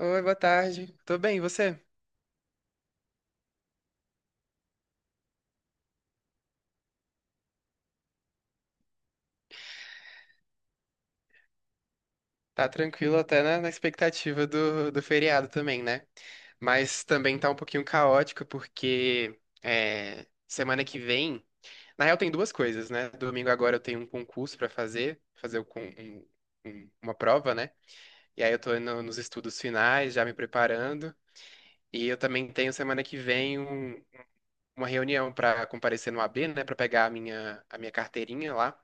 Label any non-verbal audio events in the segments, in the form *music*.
Oi, boa tarde. Tô bem, e você? Tá tranquilo até na expectativa do feriado também, né? Mas também tá um pouquinho caótico porque semana que vem, na real tem duas coisas, né? Domingo agora eu tenho um concurso pra fazer, fazer o con- um- um- uma prova, né? E aí eu tô nos estudos finais, já me preparando. E eu também tenho semana que vem uma reunião pra comparecer no AB, né? Pra pegar a minha carteirinha lá.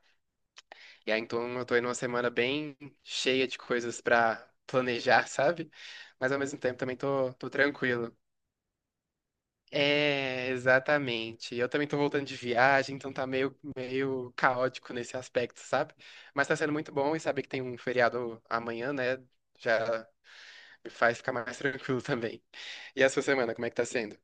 E aí, então, eu tô aí numa semana bem cheia de coisas pra planejar, *laughs* sabe? Mas ao mesmo tempo também tô tranquilo. É, exatamente. Eu também tô voltando de viagem, então tá meio caótico nesse aspecto, sabe? Mas tá sendo muito bom e saber que tem um feriado amanhã, né? Já me faz ficar mais *laughs* tranquilo também. E a sua semana, como é que tá sendo?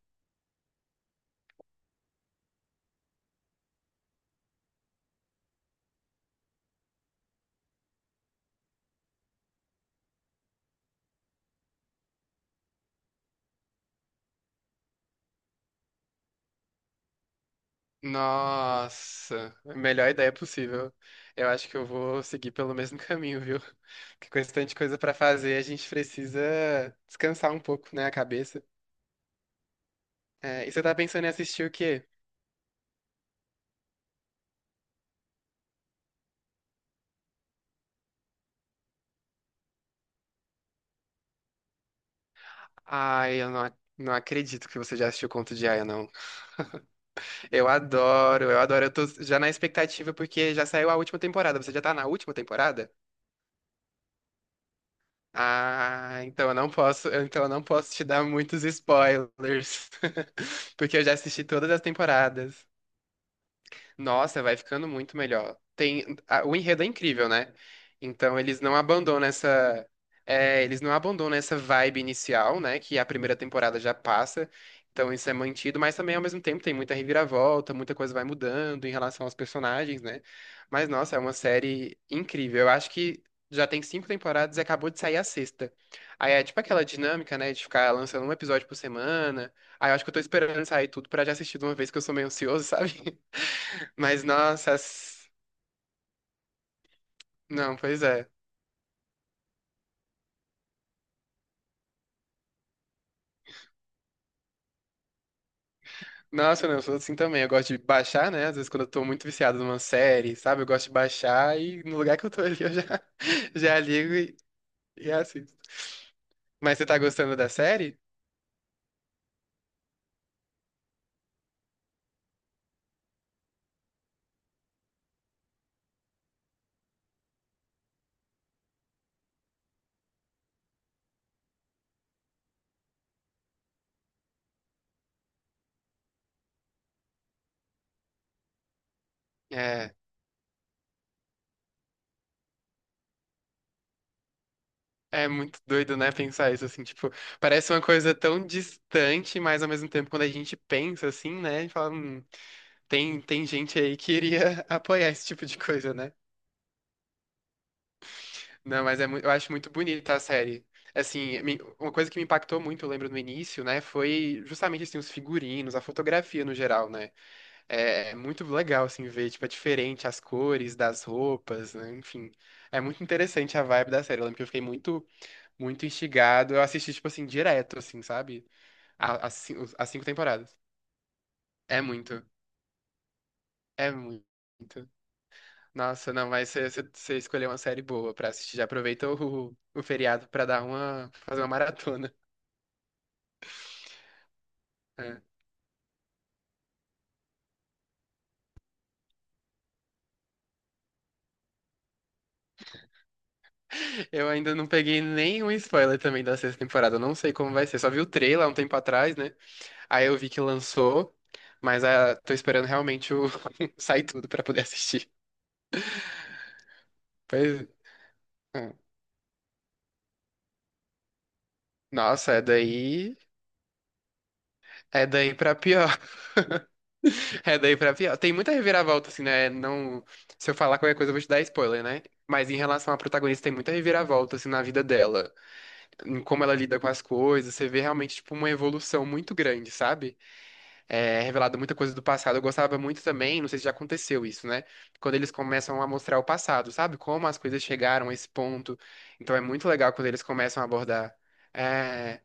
Nossa, melhor ideia possível. Eu acho que eu vou seguir pelo mesmo *laughs* caminho, viu? Porque com esse tanto de coisa pra fazer, a gente precisa descansar um pouco, né, a cabeça. É, e você tá pensando em assistir o quê? Ai, eu não, não acredito que você já assistiu Conto de Aia, não. Eu adoro, eu adoro. Eu tô já na expectativa porque já saiu a última temporada. Você já tá na última temporada? Ah, então eu não posso te dar muitos spoilers, *laughs* porque eu já assisti todas as temporadas. Nossa, vai ficando muito melhor. O enredo é incrível, né? Então eles não abandonam essa vibe inicial, né? Que a primeira temporada já passa. Então isso é mantido, mas também ao mesmo tempo tem muita reviravolta, muita coisa vai mudando em relação aos personagens, né? Mas nossa, é uma série incrível. Eu acho que já tem cinco temporadas e acabou de sair a sexta. Aí é tipo aquela dinâmica, né? De ficar lançando um episódio por semana. Aí eu acho que eu tô esperando sair tudo pra já assistir de uma vez, que eu sou meio ansioso, sabe? *laughs* Mas, nossa, não, pois é. Nossa, não, eu sou assim também. Eu gosto de baixar, né? Às vezes quando eu tô muito viciado numa série, sabe? Eu gosto de baixar e no lugar que eu tô ali eu já, *laughs* já ligo e assisto. Mas você tá gostando da série? É, é muito doido, né? Pensar isso assim, tipo, parece uma coisa tão distante, mas ao mesmo tempo quando a gente pensa assim, né? E fala, tem gente aí que iria *laughs* apoiar esse tipo de coisa, né? Não, mas eu acho muito bonita a série. Assim, uma coisa que me impactou muito, eu lembro no início, né, foi justamente assim, os figurinos, a fotografia no geral, né? É, é muito legal assim ver, tipo, é diferente as cores das roupas, né? Enfim, é muito interessante a vibe da série. Eu lembro que eu fiquei muito, muito instigado. Eu assisti tipo assim direto, assim, sabe? As cinco temporadas. É muito, é muito. Nossa, não, mas você escolheu uma série boa pra assistir. Já aproveita o feriado pra fazer uma maratona. É. Eu ainda não peguei nenhum spoiler também da sexta temporada. Eu não sei como vai ser. Só vi o trailer há um tempo atrás, né? Aí eu vi que lançou, mas tô esperando realmente *laughs* sair tudo pra poder assistir. Pois é. Nossa, é daí. É daí pra pior. *laughs* É daí pra pior. Tem muita reviravolta, assim, né? Não. Se eu falar qualquer coisa, eu vou te dar spoiler, né? Mas em relação à protagonista, tem muita reviravolta, assim, na vida dela. Em como ela lida com as coisas. Você vê realmente, tipo, uma evolução muito grande, sabe? Revelado muita coisa do passado. Eu gostava muito também, não sei se já aconteceu isso, né? Quando eles começam a mostrar o passado, sabe? Como as coisas chegaram a esse ponto. Então é muito legal quando eles começam a abordar. É,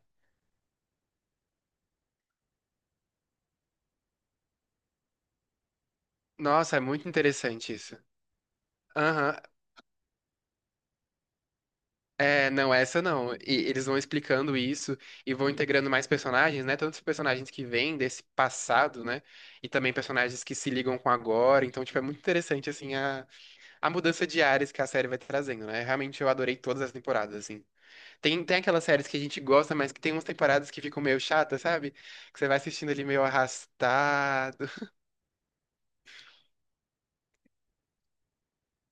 nossa, é muito interessante isso. Aham. É, não, essa não. E eles vão explicando isso e vão integrando mais personagens, né? Tantos personagens que vêm desse passado, né? E também personagens que se ligam com agora. Então, tipo, é muito interessante, assim, a mudança de áreas que a série vai trazendo, né? Realmente eu adorei todas as temporadas, assim. Tem aquelas séries que a gente gosta, mas que tem umas temporadas que ficam meio chatas, sabe? Que você vai assistindo ali meio arrastado. *laughs*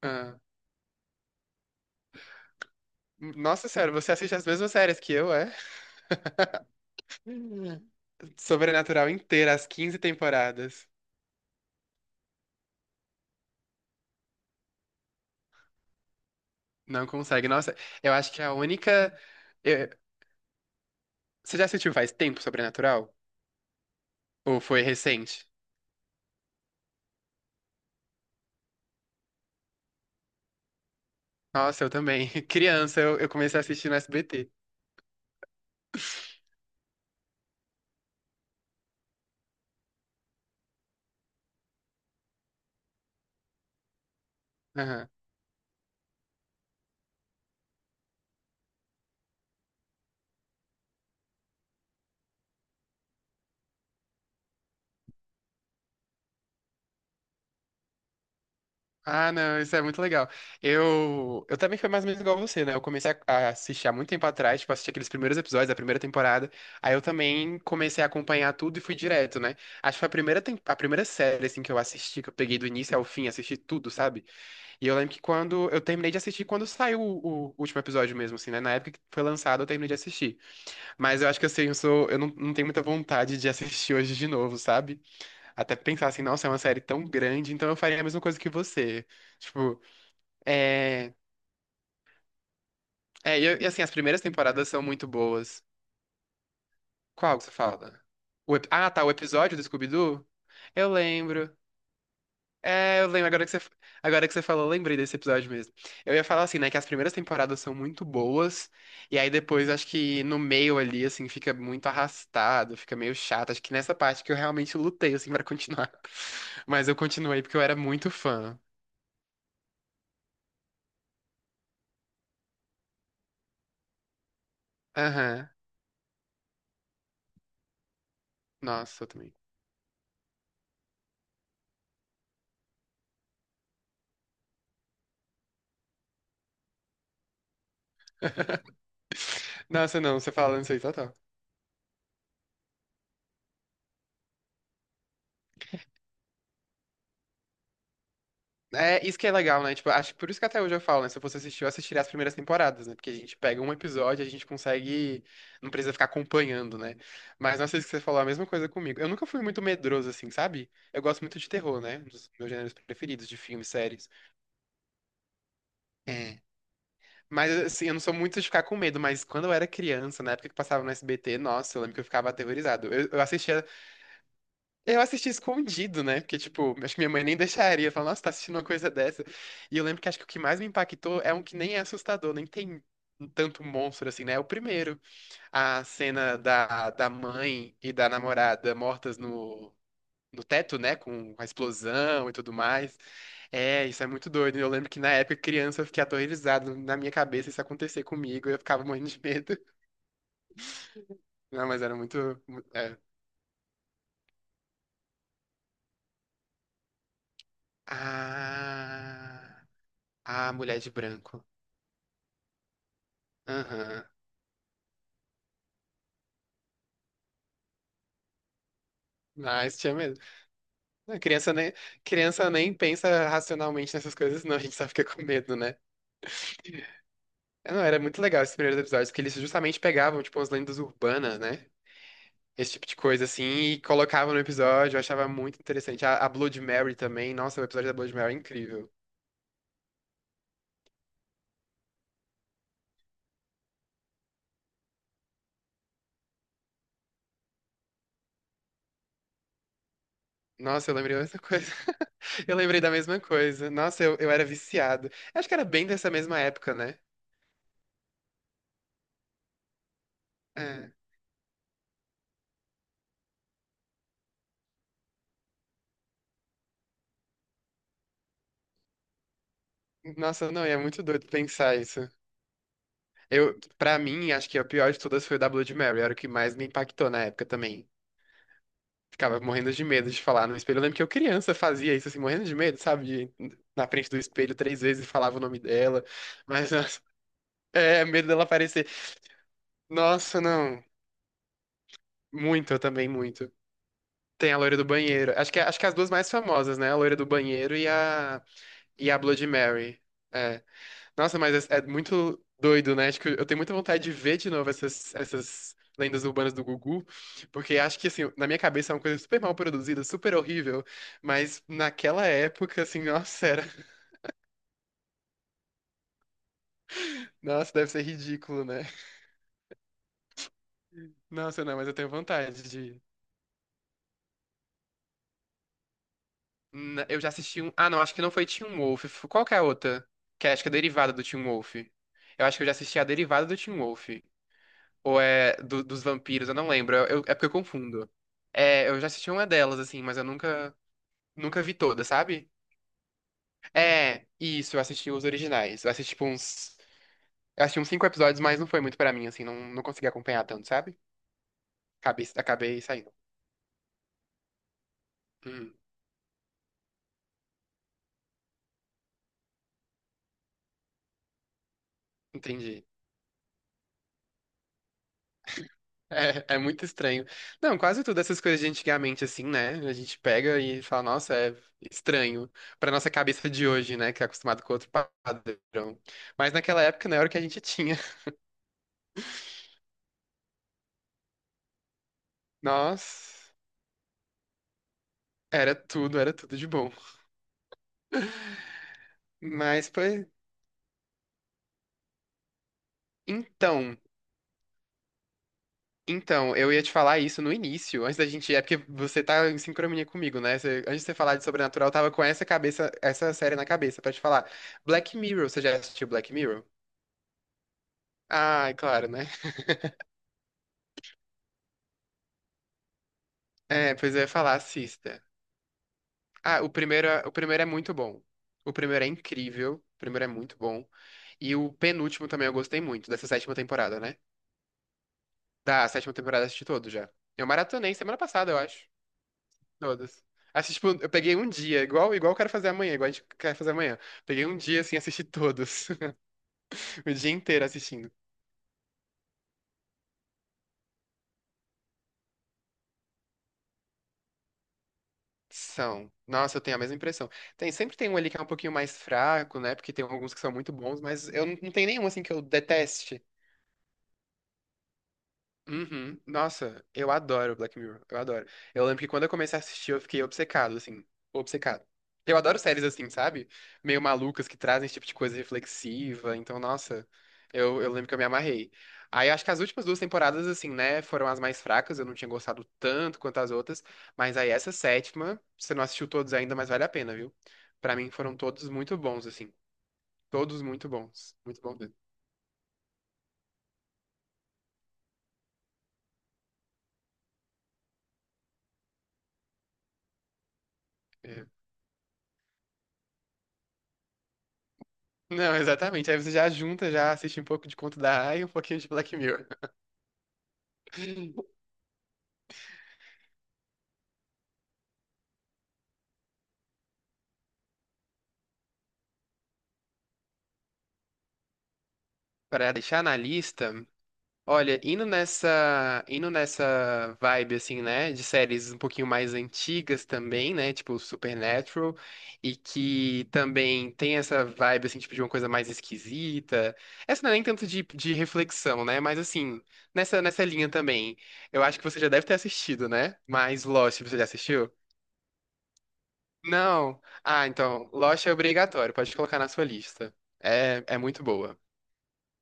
Ah. Nossa senhora, você assiste as mesmas séries que eu, é? *laughs* Sobrenatural inteira, as 15 temporadas. Não consegue. Nossa, eu acho que a única. eh, Você já assistiu faz tempo Sobrenatural? Ou foi recente? Nossa, eu também. *laughs* Criança, eu comecei a assistir no SBT. Ah, não, isso é muito legal. Eu também fui mais ou menos igual você, né? Eu comecei a assistir há muito tempo atrás, tipo, assisti aqueles primeiros episódios da primeira temporada. Aí eu também comecei a acompanhar tudo e fui direto, né? Acho que foi a primeira, a primeira série, assim, que eu assisti, que eu peguei do início ao fim, assisti tudo, sabe? E eu lembro que quando eu terminei de assistir, quando saiu o último episódio mesmo, assim, né? Na época que foi lançado, eu terminei de assistir. Mas eu acho que assim, eu não tenho muita vontade de assistir hoje de novo, sabe? Até pensar assim, nossa, é uma série tão grande, então eu faria a mesma coisa que você. Tipo, é, e assim, as primeiras temporadas são muito boas. Qual que você fala? Ah, tá, o episódio do Scooby-Doo? Eu lembro. É, eu lembro, agora que você falou, eu lembrei desse episódio mesmo. Eu ia falar assim, né, que as primeiras temporadas são muito boas, e aí depois acho que no meio ali, assim, fica muito arrastado, fica meio chato. Acho que nessa parte que eu realmente lutei, assim, pra continuar. *laughs* Mas eu continuei porque eu era muito fã. Aham. Nossa, eu também. Nossa, não, você falando isso aí, total. É, isso que é legal, né? Tipo, acho que por isso que até hoje eu falo, né? Se eu fosse assistir, eu assistiria as primeiras temporadas, né? Porque a gente pega um episódio, a gente consegue. Não precisa ficar acompanhando, né? Mas não sei se você falou a mesma coisa comigo. Eu nunca fui muito medroso, assim, sabe? Eu gosto muito de terror, né? Um dos meus gêneros preferidos de filmes, séries. É. Mas, assim, eu não sou muito de ficar com medo, mas quando eu era criança, na época que passava no SBT, nossa, eu lembro que eu ficava aterrorizado. Eu assistia. Eu assisti escondido, né? Porque, tipo, acho que minha mãe nem deixaria. Falar, nossa, tá assistindo uma coisa dessa. E eu lembro que acho que o que mais me impactou é um que nem é assustador, nem tem um tanto monstro assim, né? É o primeiro. A cena da mãe e da namorada mortas no teto, né? Com a explosão e tudo mais. É, isso é muito doido. Eu lembro que na época, criança, eu fiquei aterrorizado na minha cabeça isso acontecer comigo. Eu ficava morrendo de medo. *laughs* Não, mas era muito. É. Ah, a mulher de branco. Aham. Mas tinha medo. A criança nem pensa racionalmente nessas coisas, não. A gente só fica com medo, né? É, não, era muito legal esses primeiros episódios, porque eles justamente pegavam, tipo, as lendas urbanas, né? Esse tipo de coisa, assim, e colocavam no episódio. Eu achava muito interessante. A Blood Mary também. Nossa, o episódio da Blood Mary é incrível. Nossa, eu lembrei da mesma coisa. *laughs* Eu lembrei da mesma coisa. Nossa, eu era viciado. Acho que era bem dessa mesma época, né? É. Nossa, não, e é muito doido pensar isso. Eu, pra mim, acho que a pior de todas foi o da Bloody Mary, era o que mais me impactou na época também. Ficava morrendo de medo de falar no espelho. Eu lembro que eu criança fazia isso, assim, morrendo de medo, sabe? Na frente do espelho três vezes e falava o nome dela. *laughs* Mas, nossa, medo dela aparecer. Nossa, não. Muito, eu também, muito. Tem a loira do banheiro. Acho que as duas mais famosas, né? A loira do banheiro e a Bloody Mary. É. Nossa, mas é muito doido, né? Acho que eu tenho muita vontade de ver de novo essas lendas urbanas do Gugu, porque acho que, assim, na minha cabeça é uma coisa super mal produzida, super horrível, mas naquela época, assim, nossa, era. Nossa, deve ser ridículo, né? Nossa, não, mas eu tenho vontade de... Eu já assisti um... Ah, não, acho que não foi Teen Wolf. Qual que é a outra? Que é, acho que é derivada do Teen Wolf. Eu acho que eu já assisti a derivada do Teen Wolf. Ou é dos vampiros, eu não lembro. É porque eu confundo. É, eu já assisti uma delas, assim, mas eu nunca vi toda, sabe? É, isso, eu assisti os originais. Eu assisti, tipo, uns. Eu assisti uns cinco episódios, mas não foi muito pra mim, assim, não, não consegui acompanhar tanto, sabe? Acabei saindo. Hum, entendi. É, é muito estranho. Não, quase tudo essas coisas de antigamente, assim, né? A gente pega e fala, nossa, é estranho. Pra nossa cabeça de hoje, né? Que é acostumado com outro padrão. Mas naquela época, não era o que a gente tinha. *laughs* Nossa, era tudo de bom. Mas, pois. Então. Então, eu ia te falar isso no início, antes da gente. É porque você tá em sincronia comigo, né? Antes de você falar de Sobrenatural, eu tava com essa cabeça, essa série na cabeça pra te falar. Black Mirror, você já assistiu Black Mirror? Ah, é claro, né? É, pois eu ia falar, assista. Ah, o primeiro, o primeiro é muito bom. O primeiro é incrível. O primeiro é muito bom. E o penúltimo também eu gostei muito, dessa sétima temporada, né? Da sétima temporada eu assisti todo já. Eu maratonei semana passada, eu acho. Todas. Assisti, tipo, eu peguei um dia, igual eu quero fazer amanhã, igual a gente quer fazer amanhã. Peguei um dia, assim, assisti todos. *laughs* O dia inteiro assistindo. São. Nossa, eu tenho a mesma impressão. Tem, sempre tem um ali que é um pouquinho mais fraco, né? Porque tem alguns que são muito bons, mas eu não, não tenho nenhum, assim, que eu deteste. Uhum. Nossa, eu adoro Black Mirror, eu adoro. Eu lembro que quando eu comecei a assistir, eu fiquei obcecado, assim, obcecado. Eu adoro séries assim, sabe? Meio malucas que trazem esse tipo de coisa reflexiva, então, nossa, eu lembro que eu me amarrei. Aí acho que as últimas duas temporadas, assim, né, foram as mais fracas, eu não tinha gostado tanto quanto as outras, mas aí essa sétima, você não assistiu todos ainda, mas vale a pena, viu? Pra mim foram todos muito bons, assim, todos muito bons, muito bons mesmo. É. Não, exatamente. Aí você já junta, já assiste um pouco de Conto da Aia e um pouquinho de Black Mirror. *laughs* Pra deixar na lista, olha, indo nessa vibe assim, né, de séries um pouquinho mais antigas também, né, tipo Supernatural, e que também tem essa vibe assim, tipo de uma coisa mais esquisita. Essa não é nem tanto de reflexão, né, mas assim, nessa linha também. Eu acho que você já deve ter assistido, né? Mas Lost, você já assistiu? Não. Ah, então, Lost é obrigatório, pode colocar na sua lista. É, é muito boa,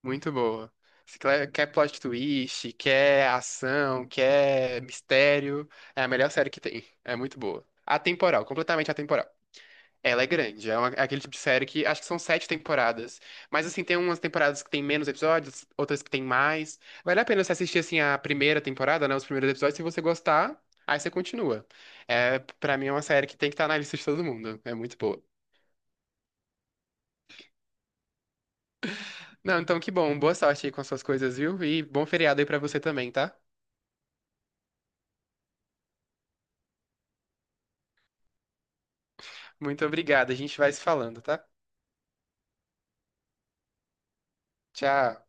muito boa. Se cle- Quer plot twist, quer ação, quer mistério, é a melhor série que tem. É muito boa. Atemporal, completamente atemporal. Ela é grande, é, é aquele tipo de série que acho que são sete temporadas. Mas assim, tem umas temporadas que tem menos episódios, outras que tem mais. Vale a pena você assistir assim a primeira temporada, né? Os primeiros episódios, se você gostar, aí você continua. É, para mim é uma série que tem que estar na lista de todo mundo. É muito boa. Não, então que bom. Boa sorte aí com as suas coisas, viu? E bom feriado aí pra você também, tá? Muito obrigado. A gente vai se falando, tá? Tchau.